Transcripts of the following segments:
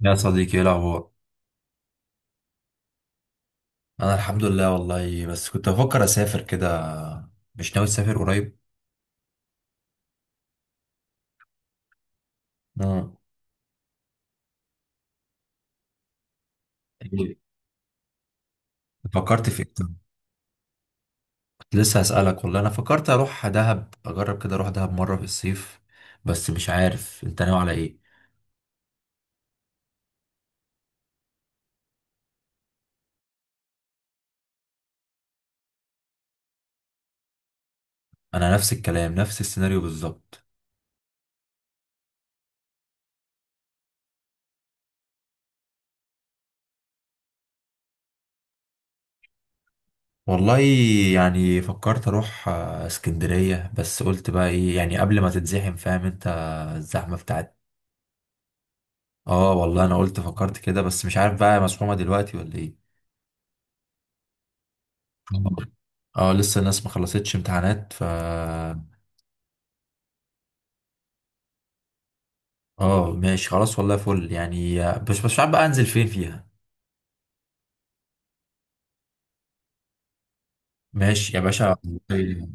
يا صديقي، ايه الاخبار؟ انا الحمد لله والله، بس كنت بفكر اسافر كده. مش ناوي تسافر قريب؟ مم. إيه؟ فكرت في ايه طب؟ كنت لسه هسألك، والله انا فكرت اروح دهب، اجرب كده اروح دهب مرة في الصيف. بس مش عارف انت ناوي على ايه. انا نفس الكلام، نفس السيناريو بالظبط. والله يعني فكرت اروح اسكندرية، بس قلت بقى ايه يعني قبل ما تتزحم، فاهم انت؟ الزحمة بتاعت. اه، والله انا قلت فكرت كده، بس مش عارف بقى مسحومة دلوقتي ولا ايه. اه، لسه الناس ما خلصتش امتحانات ف... اه، ماشي خلاص، والله فل يعني. مش عارف بقى انزل فين فيها. ماشي يا باشا.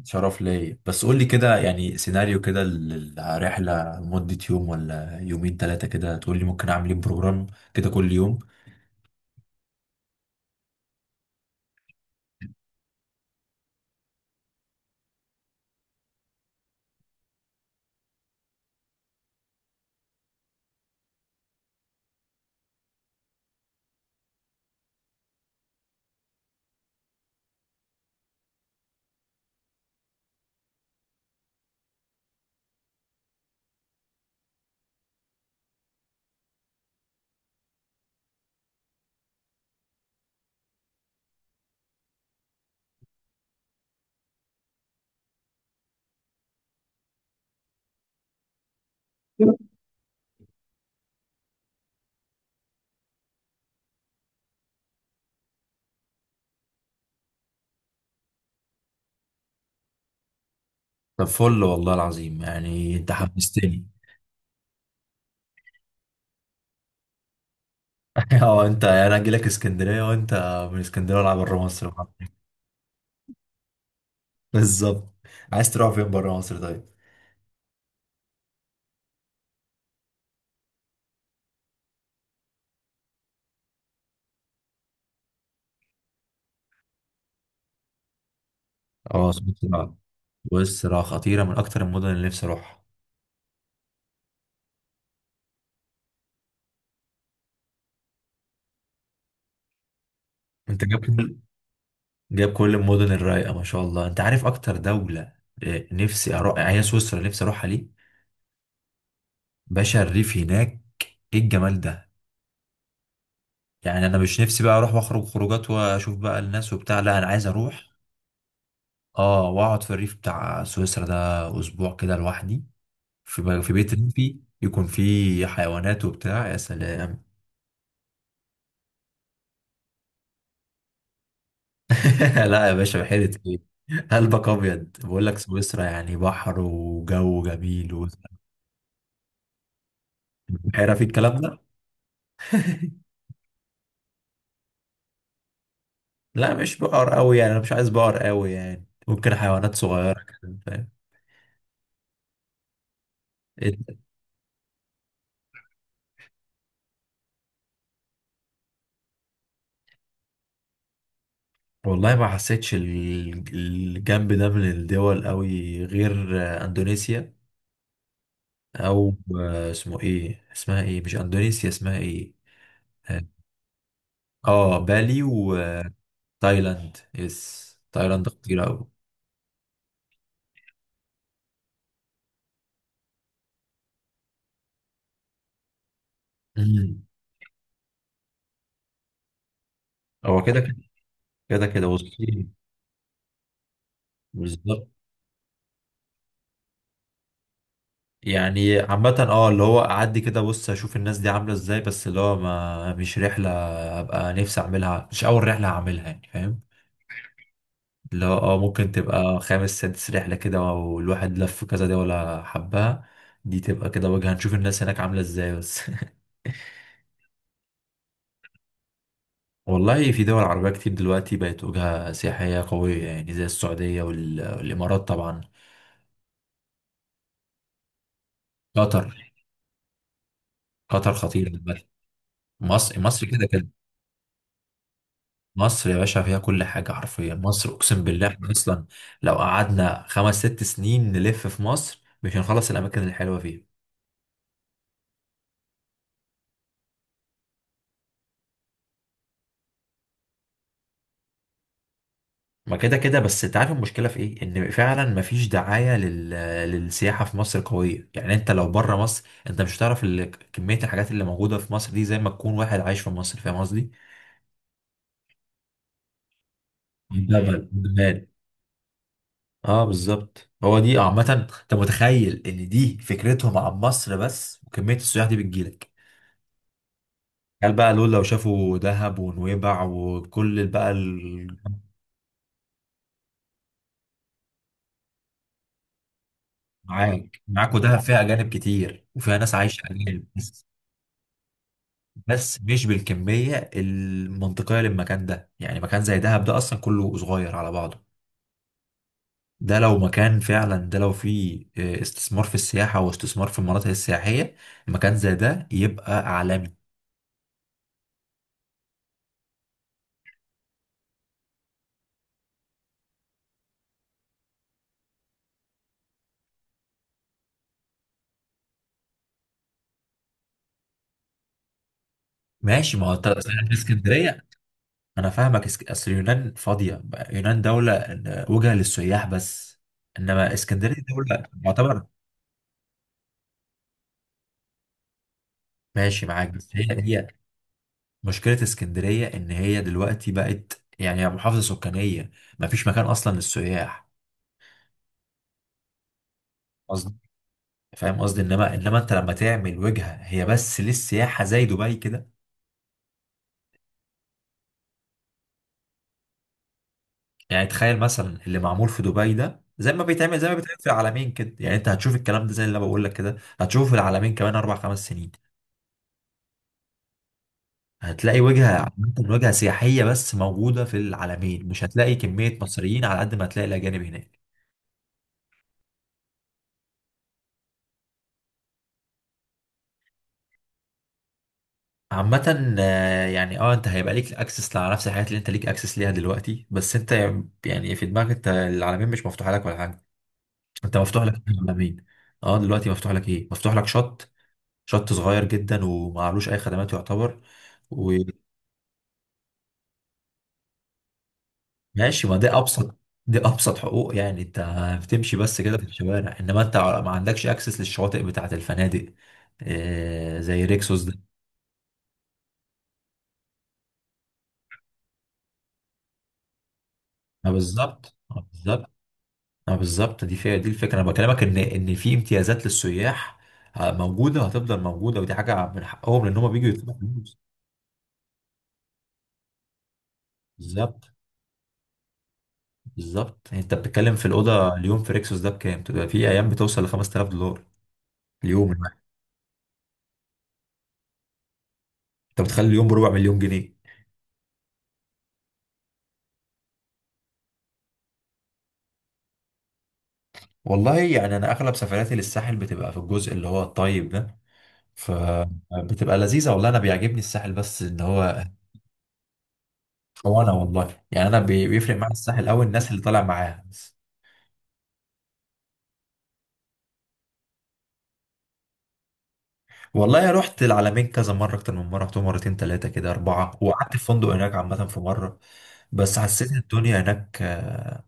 شرف ليا، بس قول لي كده يعني سيناريو كده للرحلة، مدة يوم ولا يومين ثلاثة كده تقول لي ممكن اعمل ايه بروجرام كده كل يوم. طب فل والله العظيم، يعني انت حمستني. اه، انت يعني انا اجي لك اسكندرية وانت من اسكندرية ولا بره مصر؟ بالظبط. عايز تروح فين بره مصر طيب؟ اه، سمعت. بص، راها خطيرة من أكتر المدن اللي نفسي أروحها. أنت جايب كل جايب كل المدن الرايقة، ما شاء الله، أنت عارف أكتر دولة نفسي أروح، يعني هي سويسرا، نفسي أروحها ليه؟ باشا، الريف هناك، إيه الجمال ده؟ يعني أنا مش نفسي بقى أروح وأخرج خروجات وأشوف بقى الناس وبتاع، لا، أنا عايز أروح. أه، وأقعد في الريف بتاع سويسرا ده أسبوع كده لوحدي، في بيت ريفي يكون فيه حيوانات وبتاع، يا سلام. لا يا باشا، بحيرة ايه؟ قلبك ابيض، بقول لك سويسرا يعني بحر وجو جميل وبحيرة في الكلام ده. لا مش بقر قوي، يعني انا مش عايز بقر قوي، يعني ممكن حيوانات صغيرة كده، فاهم؟ إنت- والله ما حسيتش الجنب ده من الدول قوي، غير اندونيسيا او اسمه ايه، اسمها ايه، مش اندونيسيا، اسمها ايه. اه، بالي. وتايلاند، يس، تايلاند خطيرة قوي. مم. هو كده كده. كده كده والصين. بالظبط. يعني عامة اه، اللي هو اعدي كده بص اشوف الناس دي عاملة ازاي، بس اللي هو ما مش رحلة ابقى نفسي اعملها، مش اول رحلة هعملها، يعني فاهم؟ اللي هو اه ممكن تبقى خامس سادس رحلة كده، والواحد لف كذا دي ولا حبها، دي تبقى كده وجهة نشوف الناس هناك عاملة ازاي بس. والله في دول عربية كتير دلوقتي بقت وجهة سياحية قوية، يعني زي السعودية والامارات طبعا. قطر. قطر خطير. مصر كده كده. مصر يا باشا فيها كل حاجة حرفيا، مصر أقسم بالله، إحنا أصلا لو قعدنا خمس ست سنين نلف في مصر مش هنخلص الأماكن الحلوة فيها. ما كده كده، بس أنت عارف المشكلة في إيه؟ إن فعلا مفيش دعاية لل... للسياحة في مصر قوية، يعني أنت لو بره مصر أنت مش هتعرف ال... كمية الحاجات اللي موجودة في مصر دي، زي ما تكون واحد عايش في مصر، فاهم قصدي؟ ده بالمال. اه بالظبط، هو دي عامة. أنت متخيل إن دي فكرتهم عن مصر بس، وكمية السياح دي بتجيلك؟ قال بقى دول لو شافوا دهب ونويبع وكل بقى ال... معاكوا دهب فيها أجانب كتير، وفيها ناس عايشة أجانب بس. بس مش بالكمية المنطقية للمكان ده، يعني مكان زي دهب ده أصلا كله صغير على بعضه. ده لو مكان فعلا، ده لو فيه استثمار في السياحة واستثمار في المناطق السياحية، مكان زي ده يبقى عالمي. ماشي، ما هو انت. اسكندرية. انا فاهمك، اصل يونان فاضيه. يونان دوله وجهه للسياح بس، انما اسكندريه دوله معتبر. ماشي معاك، بس هي مشكله اسكندريه ان هي دلوقتي بقت يعني هي محافظه سكانيه، ما فيش مكان اصلا للسياح. قصدي، فاهم قصدي؟ انما انت لما تعمل وجهه هي بس للسياحه زي دبي كده. يعني تخيل مثلا اللي معمول في دبي ده، زي ما بيتعمل في العالمين كده، يعني انت هتشوف الكلام ده زي اللي انا بقول لك كده، هتشوفه في العالمين كمان اربع خمس سنين. هتلاقي وجهة عامة وجهة سياحية بس موجودة في العالمين، مش هتلاقي كمية مصريين على قد ما هتلاقي الأجانب هناك. عامة يعني اه انت هيبقى ليك اكسس على نفس الحاجات اللي انت ليك اكسس ليها دلوقتي، بس انت يعني في دماغك انت العالمين مش مفتوحة لك ولا حاجة. انت مفتوح لك العالمين. اه دلوقتي مفتوح لك ايه، مفتوح لك شط، شط صغير جدا ومعلوش اي خدمات يعتبر، و... ماشي، ما دي ابسط. دي ابسط حقوق، يعني انت بتمشي بس كده في الشوارع، انما انت ما عندكش اكسس للشواطئ بتاعه الفنادق زي ريكسوس ده. ما بالظبط، ما بالظبط، ما بالظبط، دي فيها، دي الفكره، انا بكلمك ان في امتيازات للسياح موجوده، وهتفضل موجوده، ودي حاجه من حقهم لان هم بيجوا يدفعوا فلوس. بالظبط. بالظبط، يعني انت بتتكلم في الاوضه اليوم في ريكسوس ده بكام؟ بتبقى في ايام بتوصل ل $5,000 اليوم الواحد. انت بتخلي اليوم بربع مليون جنيه. والله يعني انا اغلب سفرياتي للساحل بتبقى في الجزء اللي هو الطيب ده، فبتبقى لذيذه. والله انا بيعجبني الساحل، بس ان هو وانا، والله يعني انا بيفرق معايا الساحل قوي الناس اللي طالع معاها بس. والله رحت العلمين كذا مره، اكتر من مره، رحتهم مرتين ثلاثه كده اربعه، وقعدت في فندق هناك عامه في مره. بس حسيت إن الدنيا هناك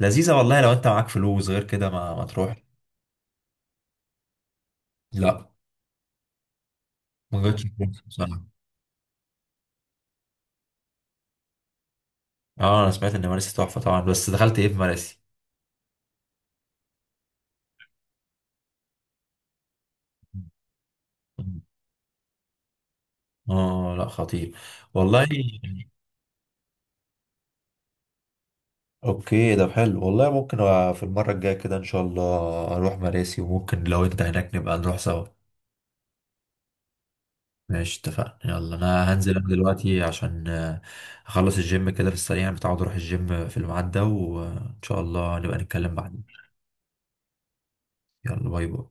لذيذه، والله لو انت معاك فلوس غير كده ما تروح. لا. ما جاتش فلوس بصراحه. اه انا سمعت ان مراسي تحفه طبعا، بس دخلت ايه في مراسي؟ اه لا، خطير. والله اه يعني اوكي، ده حلو والله، ممكن في المرة الجاية كده ان شاء الله اروح مراسي، وممكن لو انت هناك نبقى نروح سوا. ماشي اتفقنا، يلا انا هنزل انا دلوقتي عشان اخلص الجيم كده في السريع، انا متعود اروح الجيم في الميعاد ده، وان شاء الله نبقى نتكلم بعدين. يلا، باي باي.